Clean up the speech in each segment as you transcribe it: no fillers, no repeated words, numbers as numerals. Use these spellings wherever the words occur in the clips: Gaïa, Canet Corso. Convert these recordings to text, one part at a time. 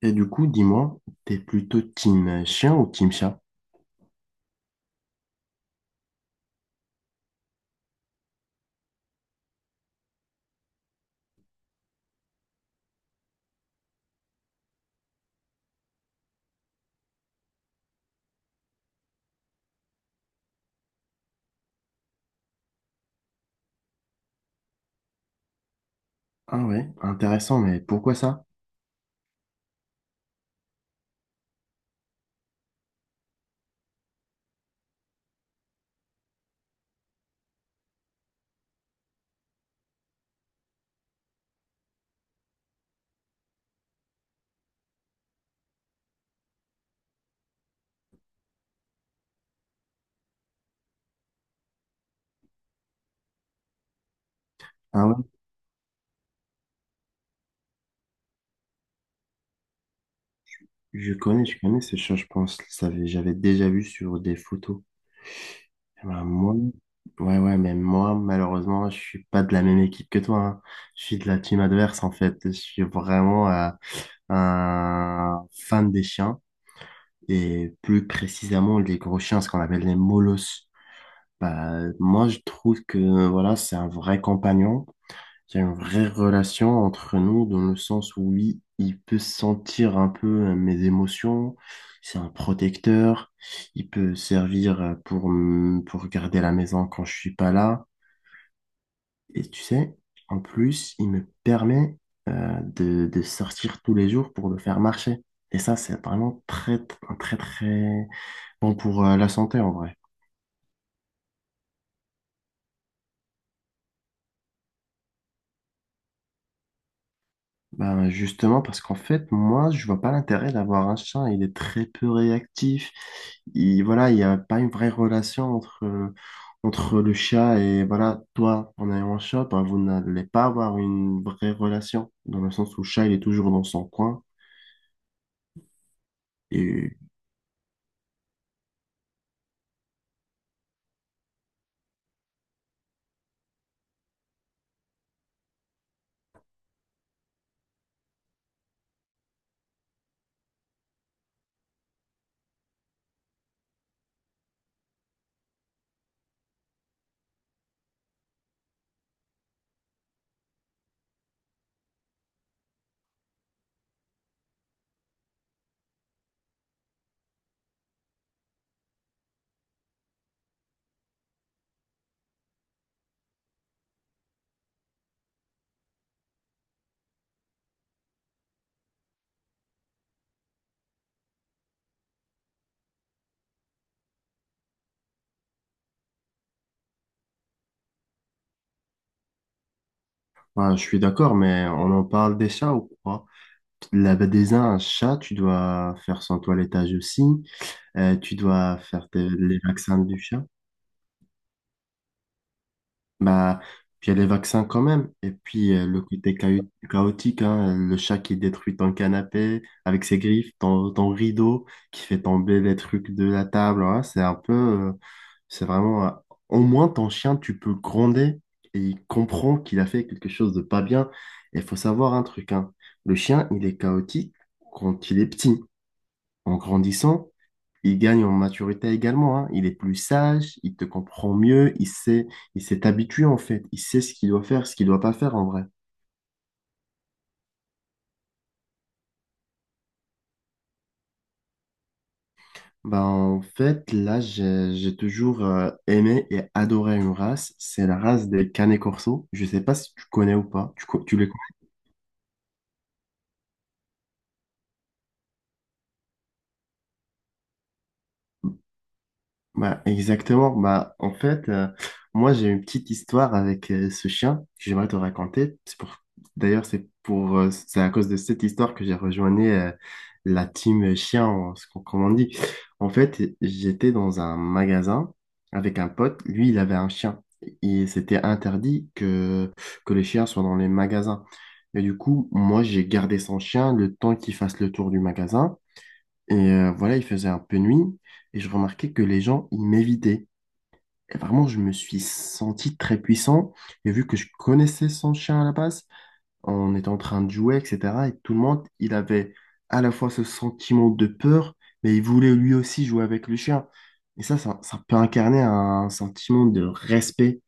Et du coup, dis-moi, t'es plutôt team chien ou team chat? Ah ouais, intéressant, mais pourquoi ça? Ah ouais, je connais ce chat, je pense. J'avais déjà vu sur des photos. Bah, moi, ouais, ouais, mais moi, malheureusement, je suis pas de la même équipe que toi, hein. Je suis de la team adverse, en fait. Je suis vraiment un fan des chiens et plus précisément les gros chiens, ce qu'on appelle les molosses. Bah, moi, je trouve que, voilà, c'est un vrai compagnon. Il y a une vraie relation entre nous dans le sens où oui, il peut sentir un peu mes émotions, c'est un protecteur, il peut servir pour, pour garder la maison quand je suis pas là. Et tu sais, en plus, il me permet de sortir tous les jours pour le faire marcher. Et ça, c'est vraiment très, un très, très bon pour la santé en vrai. Ben justement, parce qu'en fait, moi, je vois pas l'intérêt d'avoir un chat. Il est très peu réactif. Il, voilà, il n'y a pas une vraie relation entre, entre le chat et voilà, toi, en ayant un chat, ben, vous n'allez pas avoir une vraie relation, dans le sens où le chat, il est toujours dans son coin. Et ben, je suis d'accord, mais on en parle des chats ou quoi? Là, ben, déjà, un chat, tu dois faire son toilettage aussi. Tu dois faire les vaccins du chat. Bah, puis il y a les vaccins quand même. Et puis le côté chaotique, hein, le chat qui détruit ton canapé avec ses griffes, ton, ton rideau, qui fait tomber les trucs de la table. Hein, c'est un peu, c'est vraiment. Au moins, ton chien, tu peux gronder et il comprend qu'il a fait quelque chose de pas bien. Et il faut savoir un truc, hein, le chien, il est chaotique quand il est petit. En grandissant, il gagne en maturité également, hein. Il est plus sage, il te comprend mieux, il sait, il s'est habitué en fait, il sait ce qu'il doit faire, ce qu'il doit pas faire en vrai. Ben, en fait, là, j'ai toujours aimé et adoré une race, c'est la race des Canet Corso. Je sais pas si tu connais ou pas, tu, tu les… Bah, exactement. Bah, en fait, moi, j'ai une petite histoire avec ce chien que j'aimerais te raconter. C'est pour… D'ailleurs, c'est pour, c'est à cause de cette histoire que j'ai rejoint la team chien, ce comme on dit. En fait, j'étais dans un magasin avec un pote. Lui, il avait un chien. Et c'était interdit que les chiens soient dans les magasins. Et du coup, moi, j'ai gardé son chien le temps qu'il fasse le tour du magasin. Et voilà, il faisait un peu nuit et je remarquais que les gens, ils m'évitaient. Et vraiment, je me suis senti très puissant. Et vu que je connaissais son chien à la base, on était en train de jouer, etc. Et tout le monde, il avait à la fois ce sentiment de peur, mais il voulait lui aussi jouer avec le chien. Et ça peut incarner un sentiment de respect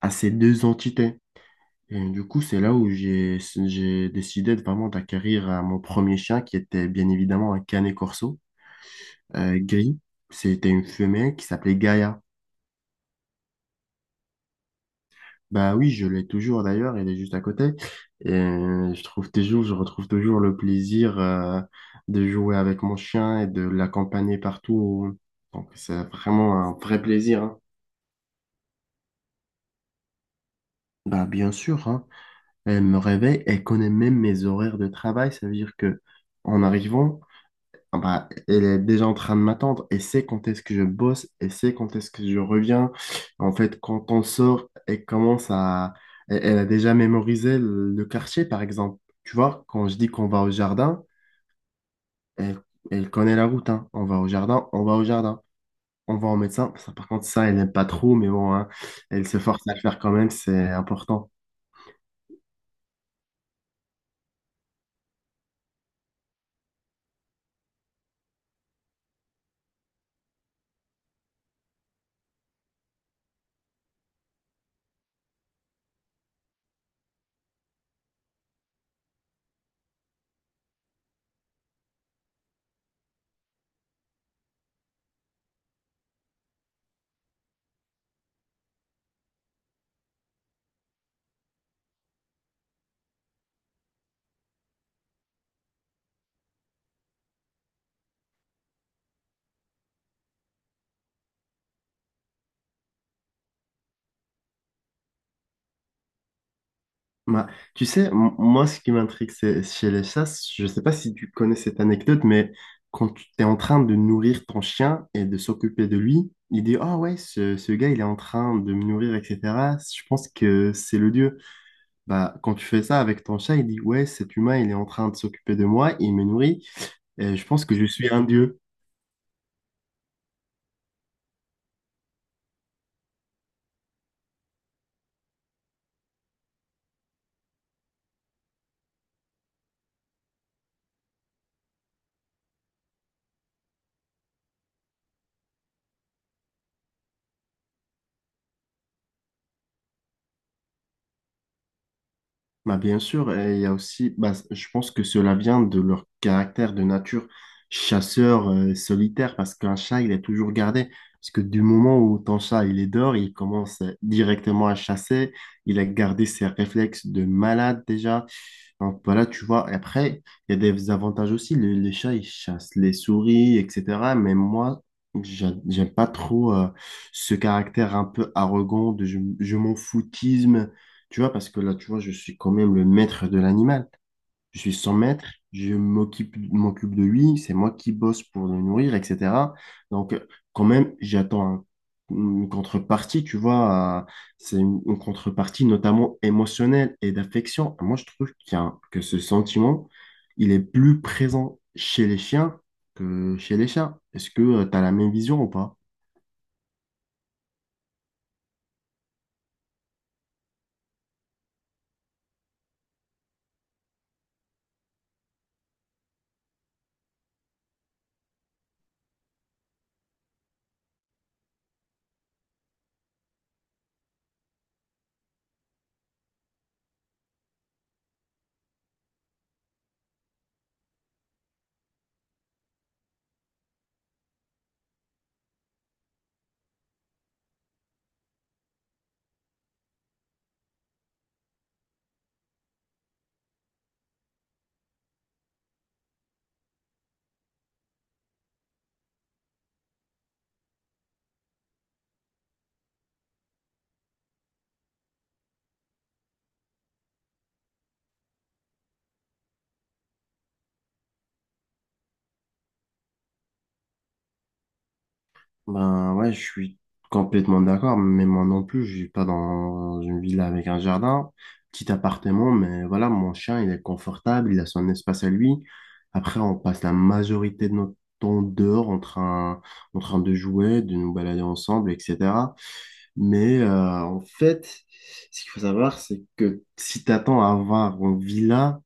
à ces deux entités. Et du coup, c'est là où j'ai décidé de vraiment d'acquérir mon premier chien, qui était bien évidemment un Canet Corso gris. C'était une femelle qui s'appelait Gaïa. Bah oui, je l'ai toujours d'ailleurs, elle est juste à côté. Et je trouve toujours, je retrouve toujours le plaisir de jouer avec mon chien et de l'accompagner partout. Donc c'est vraiment un vrai plaisir, hein. Bah bien sûr, hein. Elle me réveille, elle connaît même mes horaires de travail, ça veut dire que en arrivant, ah bah, elle est déjà en train de m'attendre. Elle sait quand est-ce que je bosse, elle sait quand est-ce que je reviens. En fait, quand on sort, elle commence à… Elle, elle a déjà mémorisé le quartier, par exemple. Tu vois, quand je dis qu'on va au jardin, elle, elle connaît la route, hein. On va au jardin, on va au jardin. On va au médecin. Ça, par contre, ça, elle n'aime pas trop, mais bon, hein, elle se force à le faire quand même, c'est important. Bah, tu sais, moi, ce qui m'intrigue, c'est chez les chasses, je ne sais pas si tu connais cette anecdote, mais quand tu es en train de nourrir ton chien et de s'occuper de lui, il dit, ah ouais, ce gars, il est en train de me nourrir, etc. Je pense que c'est le dieu. Bah, quand tu fais ça avec ton chat, il dit, ouais, cet humain, il est en train de s'occuper de moi, il me nourrit, et je pense que je suis un dieu. Bah, bien sûr, et il y a aussi, bah, je pense que cela vient de leur caractère de nature chasseur solitaire, parce qu'un chat, il est toujours gardé. Parce que du moment où ton chat, il est dehors, il commence directement à chasser, il a gardé ses réflexes de malade déjà. Donc voilà, tu vois, et après, il y a des avantages aussi. Les chats, ils chassent les souris, etc. Mais moi, j'aime pas trop ce caractère un peu arrogant de je m'en foutisme, tu vois, parce que là, tu vois, je suis quand même le maître de l'animal, je suis son maître, m'occupe de lui, c'est moi qui bosse pour le nourrir, etc. Donc, quand même, une contrepartie, tu vois, c'est une contrepartie notamment émotionnelle et d'affection. Moi, je trouve qu'il y a que ce sentiment, il est plus présent chez les chiens que chez les chats. Est-ce que tu as la même vision ou pas? Ben ouais, je suis complètement d'accord, mais moi non plus, je vis pas dans une villa avec un jardin, petit appartement, mais voilà, mon chien, il est confortable, il a son espace à lui. Après, on passe la majorité de notre temps dehors en train de jouer, de nous balader ensemble, etc. Mais en fait, ce qu'il faut savoir, c'est que si t'attends à avoir une villa,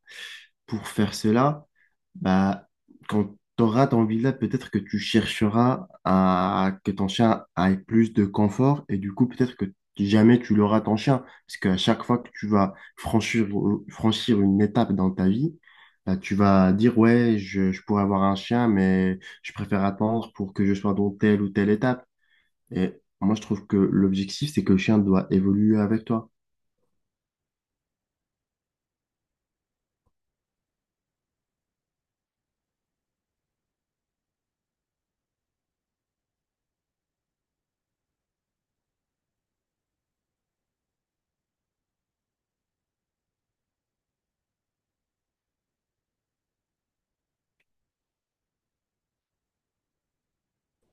pour faire cela, bah, quand tu auras ton villa, peut-être que tu chercheras à que ton chien ait plus de confort et du coup, peut-être que jamais tu l'auras ton chien. Parce qu'à chaque fois que tu vas franchir, franchir une étape dans ta vie, bah, tu vas dire, ouais, je pourrais avoir un chien, mais je préfère attendre pour que je sois dans telle ou telle étape. Et moi, je trouve que l'objectif, c'est que le chien doit évoluer avec toi.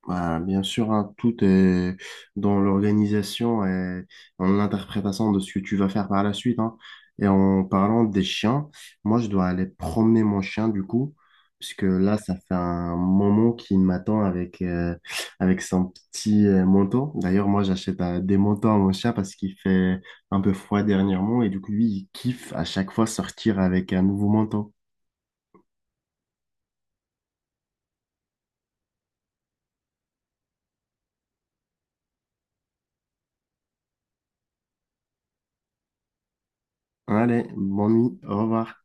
Bah, bien sûr, hein, tout est dans l'organisation et en interprétation de ce que tu vas faire par la suite, hein. Et en parlant des chiens, moi, je dois aller promener mon chien du coup, puisque là, ça fait un moment qu'il m'attend avec, avec son petit manteau. D'ailleurs, moi, j'achète des manteaux à mon chien parce qu'il fait un peu froid dernièrement et du coup, lui, il kiffe à chaque fois sortir avec un nouveau manteau. Allez, bonne nuit, au revoir.